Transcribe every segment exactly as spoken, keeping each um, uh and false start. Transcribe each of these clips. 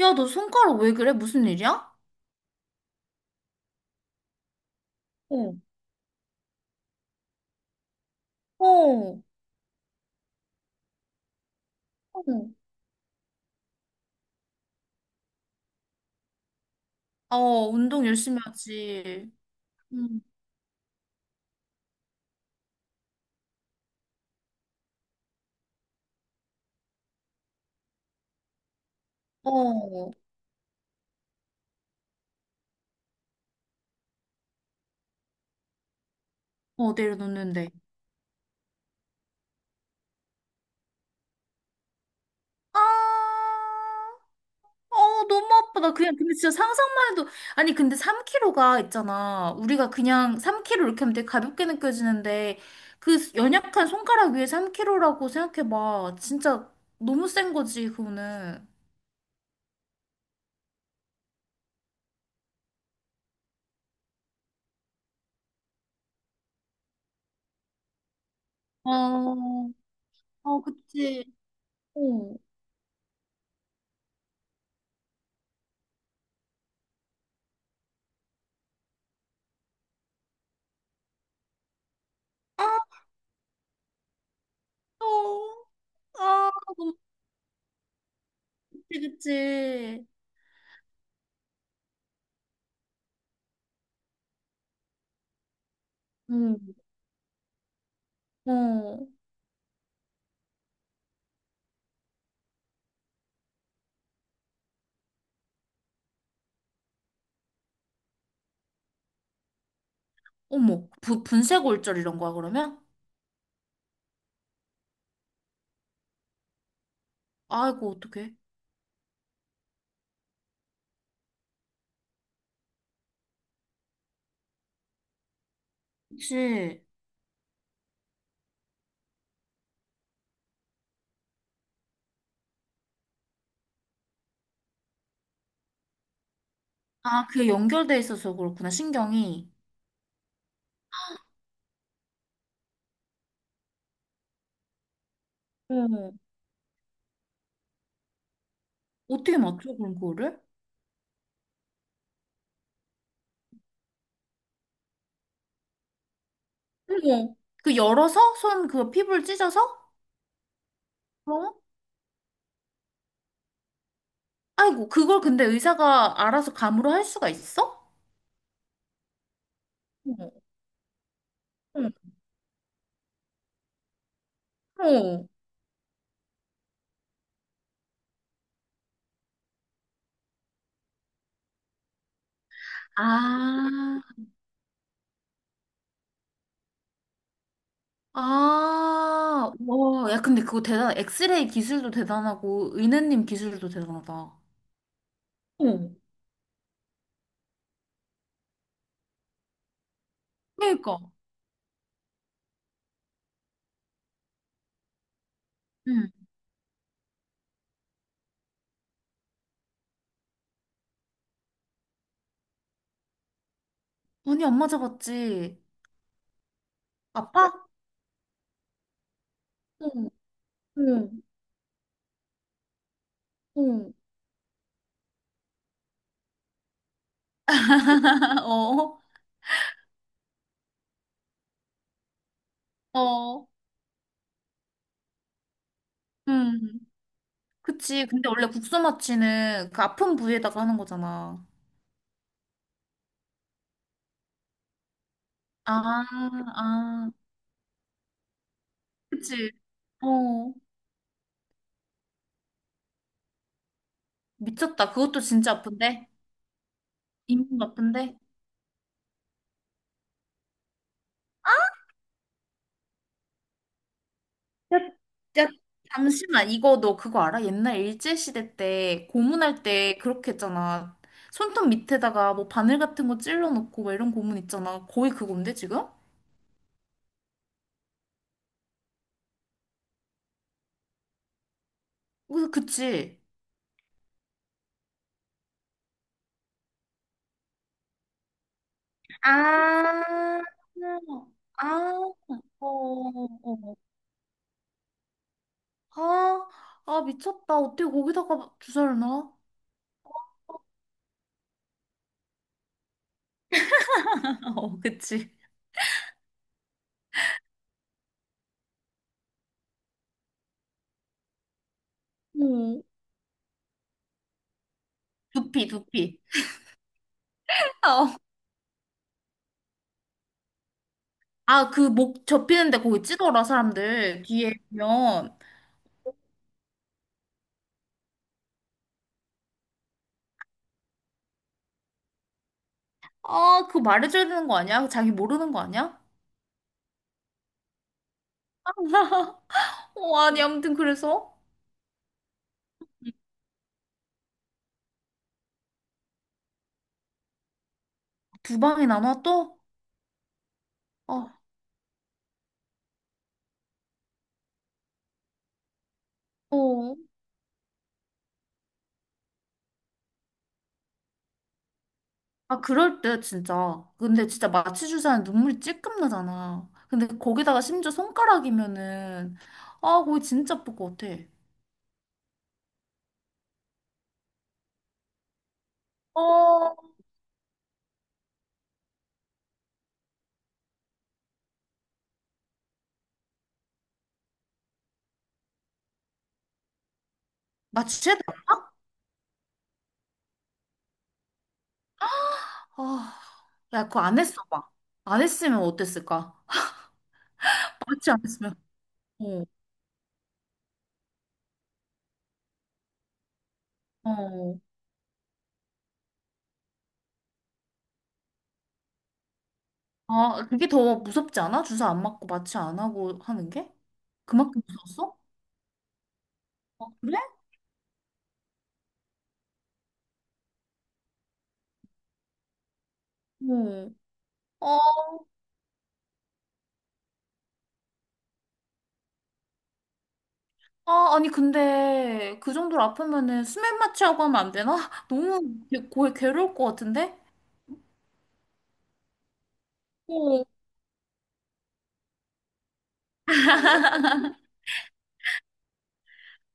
야, 너 손가락 왜 그래? 무슨 일이야? 어, 어, 어, 어, 운동 열심히 하지. 응. 어, 어, 내려놓는데. 아, 어, 너무 아파. 나 그냥, 근데 진짜 상상만 해도, 아니, 근데 삼 킬로그램이 있잖아. 우리가 그냥 삼 킬로그램 이렇게 하면 되게 가볍게 느껴지는데, 그 연약한 손가락 위에 삼 킬로그램이라고 생각해봐. 진짜 너무 센 거지, 그거는. 어, 어, 그치. 어. 어, 아, 너무 그치, 그치. 응. 어, 어머, 부, 분쇄골절 이런 거야, 그러면? 아이고, 어떡해. 그치. 아, 그게 연결돼 있어서 그렇구나, 신경이. 어, 어떻게 맞춰, 그럼 그거를? 어머, 그 열어서? 손, 그 피부를 찢어서? 어? 아이고, 그걸 근데 의사가 알아서 감으로 할 수가 있어? 어, 어. 어. 아. 아, 와, 야, 근데 그거 대단, 엑스레이 기술도 대단하고, 은혜님 기술도 대단하다. 어. 그러니까. 응. 아니, 안 맞아봤지. 아파? 어, 어, 어. 어, 어. 응. 그치. 근데 원래 국소 마취는 그 아픈 부위에다가 하는 거잖아. 아, 아, 그치. 어, 미쳤다. 그것도 진짜 아픈데? 인분 아픈데? 야, 야, 잠시만. 이거 너 그거 알아? 옛날 일제시대 때 고문할 때 그렇게 했잖아. 손톱 밑에다가 뭐 바늘 같은 거 찔러 놓고 막 이런 고문 있잖아. 거의 그건데 지금? 그래서 그치? 아, 아, 어, 어. 아, 아 미쳤다. 어떻게 거기다가 주사를 놔? 어, 그치. 오, 두피, 두피. 어. 아, 그 목 접히는데 거기 찌더라, 사람들. 뒤에 보면. 아, 그거 말해줘야 되는 거 아니야? 자기 모르는 거 아니야? 어, 아니, 아무튼 그래서 두 방에 나눠 또? 어, 어, 아, 그럴 때 진짜. 근데 진짜 마취 주사는 눈물이 찔끔 나잖아. 근데 거기다가 심지어 손가락이면은 아, 거기 진짜 아플 것 같아. 어, 마취해야 돼. 아, 야, 그거 안 했어 봐. 안 했으면 어땠을까? 마취 안 했으면. 어, 어. 아, 그게 더 무섭지 않아? 주사 안 맞고 마취 안 하고 하는 게? 그만큼 무서웠어? 아, 그래? 어. 아, 아, 아니, 근데 그 정도로 아프면은 수면 마취하고 하면 안 되나? 너무 되- 고- 괴로울 것 같은데? 어.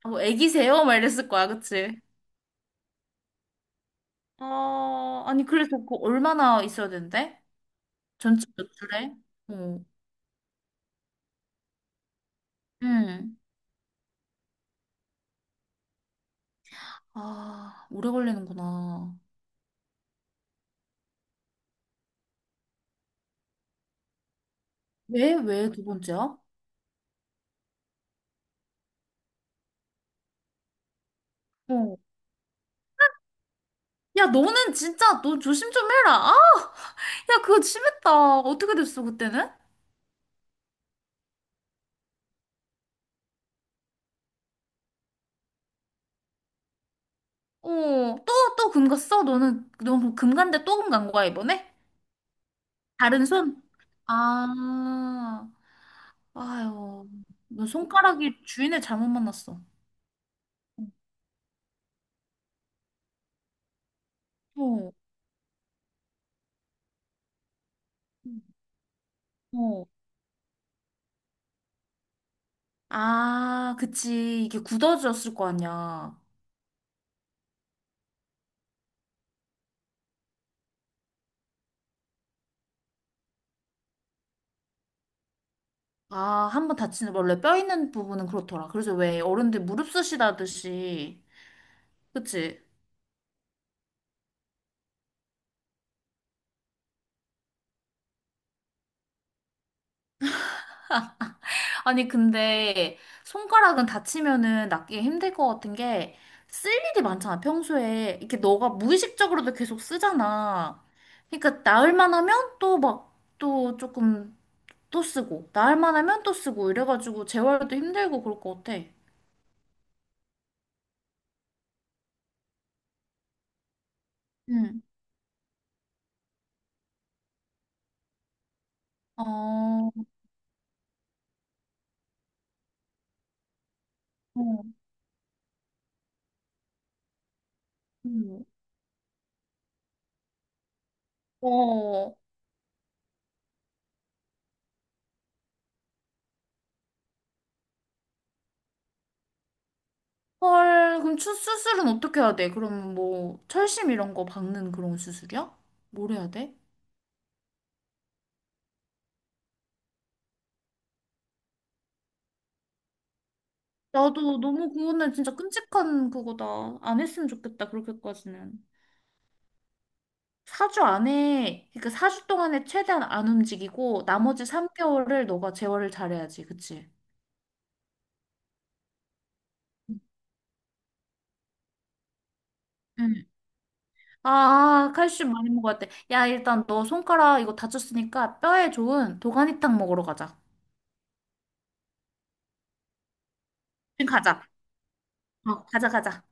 아, 뭐 애기세요? 막 이랬을 거야, 그치? 아, 아니, 그래서 그거 얼마나 있어야 된대? 전체 몇 주래? 어. 응. 아, 오래 걸리는구나. 왜, 왜 두 번째야? 어. 야, 너는 진짜 너 조심 좀 해라. 아, 야, 그거 심했다. 어떻게 됐어, 그때는? 어, 또, 또 금 갔어? 너는, 너금 간데 또 금 간 거야, 이번에? 다른 손? 아, 아유, 너 손가락이 주인을 잘못 만났어. 어, 어. 어. 아, 그치. 이게 굳어졌을 거 아니야. 아, 한 번 다치는, 원래 뼈 있는 부분은 그렇더라. 그래서 왜 어른들 무릎 쓰시다듯이. 그치? 아니, 근데 손가락은 다치면은 낫기 힘들 것 같은 게 쓸 일이 많잖아, 평소에. 이렇게 너가 무의식적으로도 계속 쓰잖아. 그러니까 나을 만하면 또 막, 또 조금 또 쓰고, 나을 만하면 또 쓰고, 이래가지고 재활도 힘들고 그럴 것 같아. 응. 어, 어, 음. 어, 헐, 그럼 추- 수술은 어떻게 해야 돼? 그럼 뭐, 철심 이런 거 박는 그런 수술이야? 뭘 해야 돼? 나도 너무 그거는 진짜 끔찍한 그거다. 안 했으면 좋겠다, 그렇게까지는. 사 주 안에, 그러니까 사 주 동안에 최대한 안 움직이고, 나머지 삼 개월을 너가 제어를 잘해야지, 그치? 응. 아, 칼슘 많이 먹어야 돼. 야, 일단 너 손가락 이거 다쳤으니까 뼈에 좋은 도가니탕 먹으러 가자. 지금 가자. 어, 가자, 가자.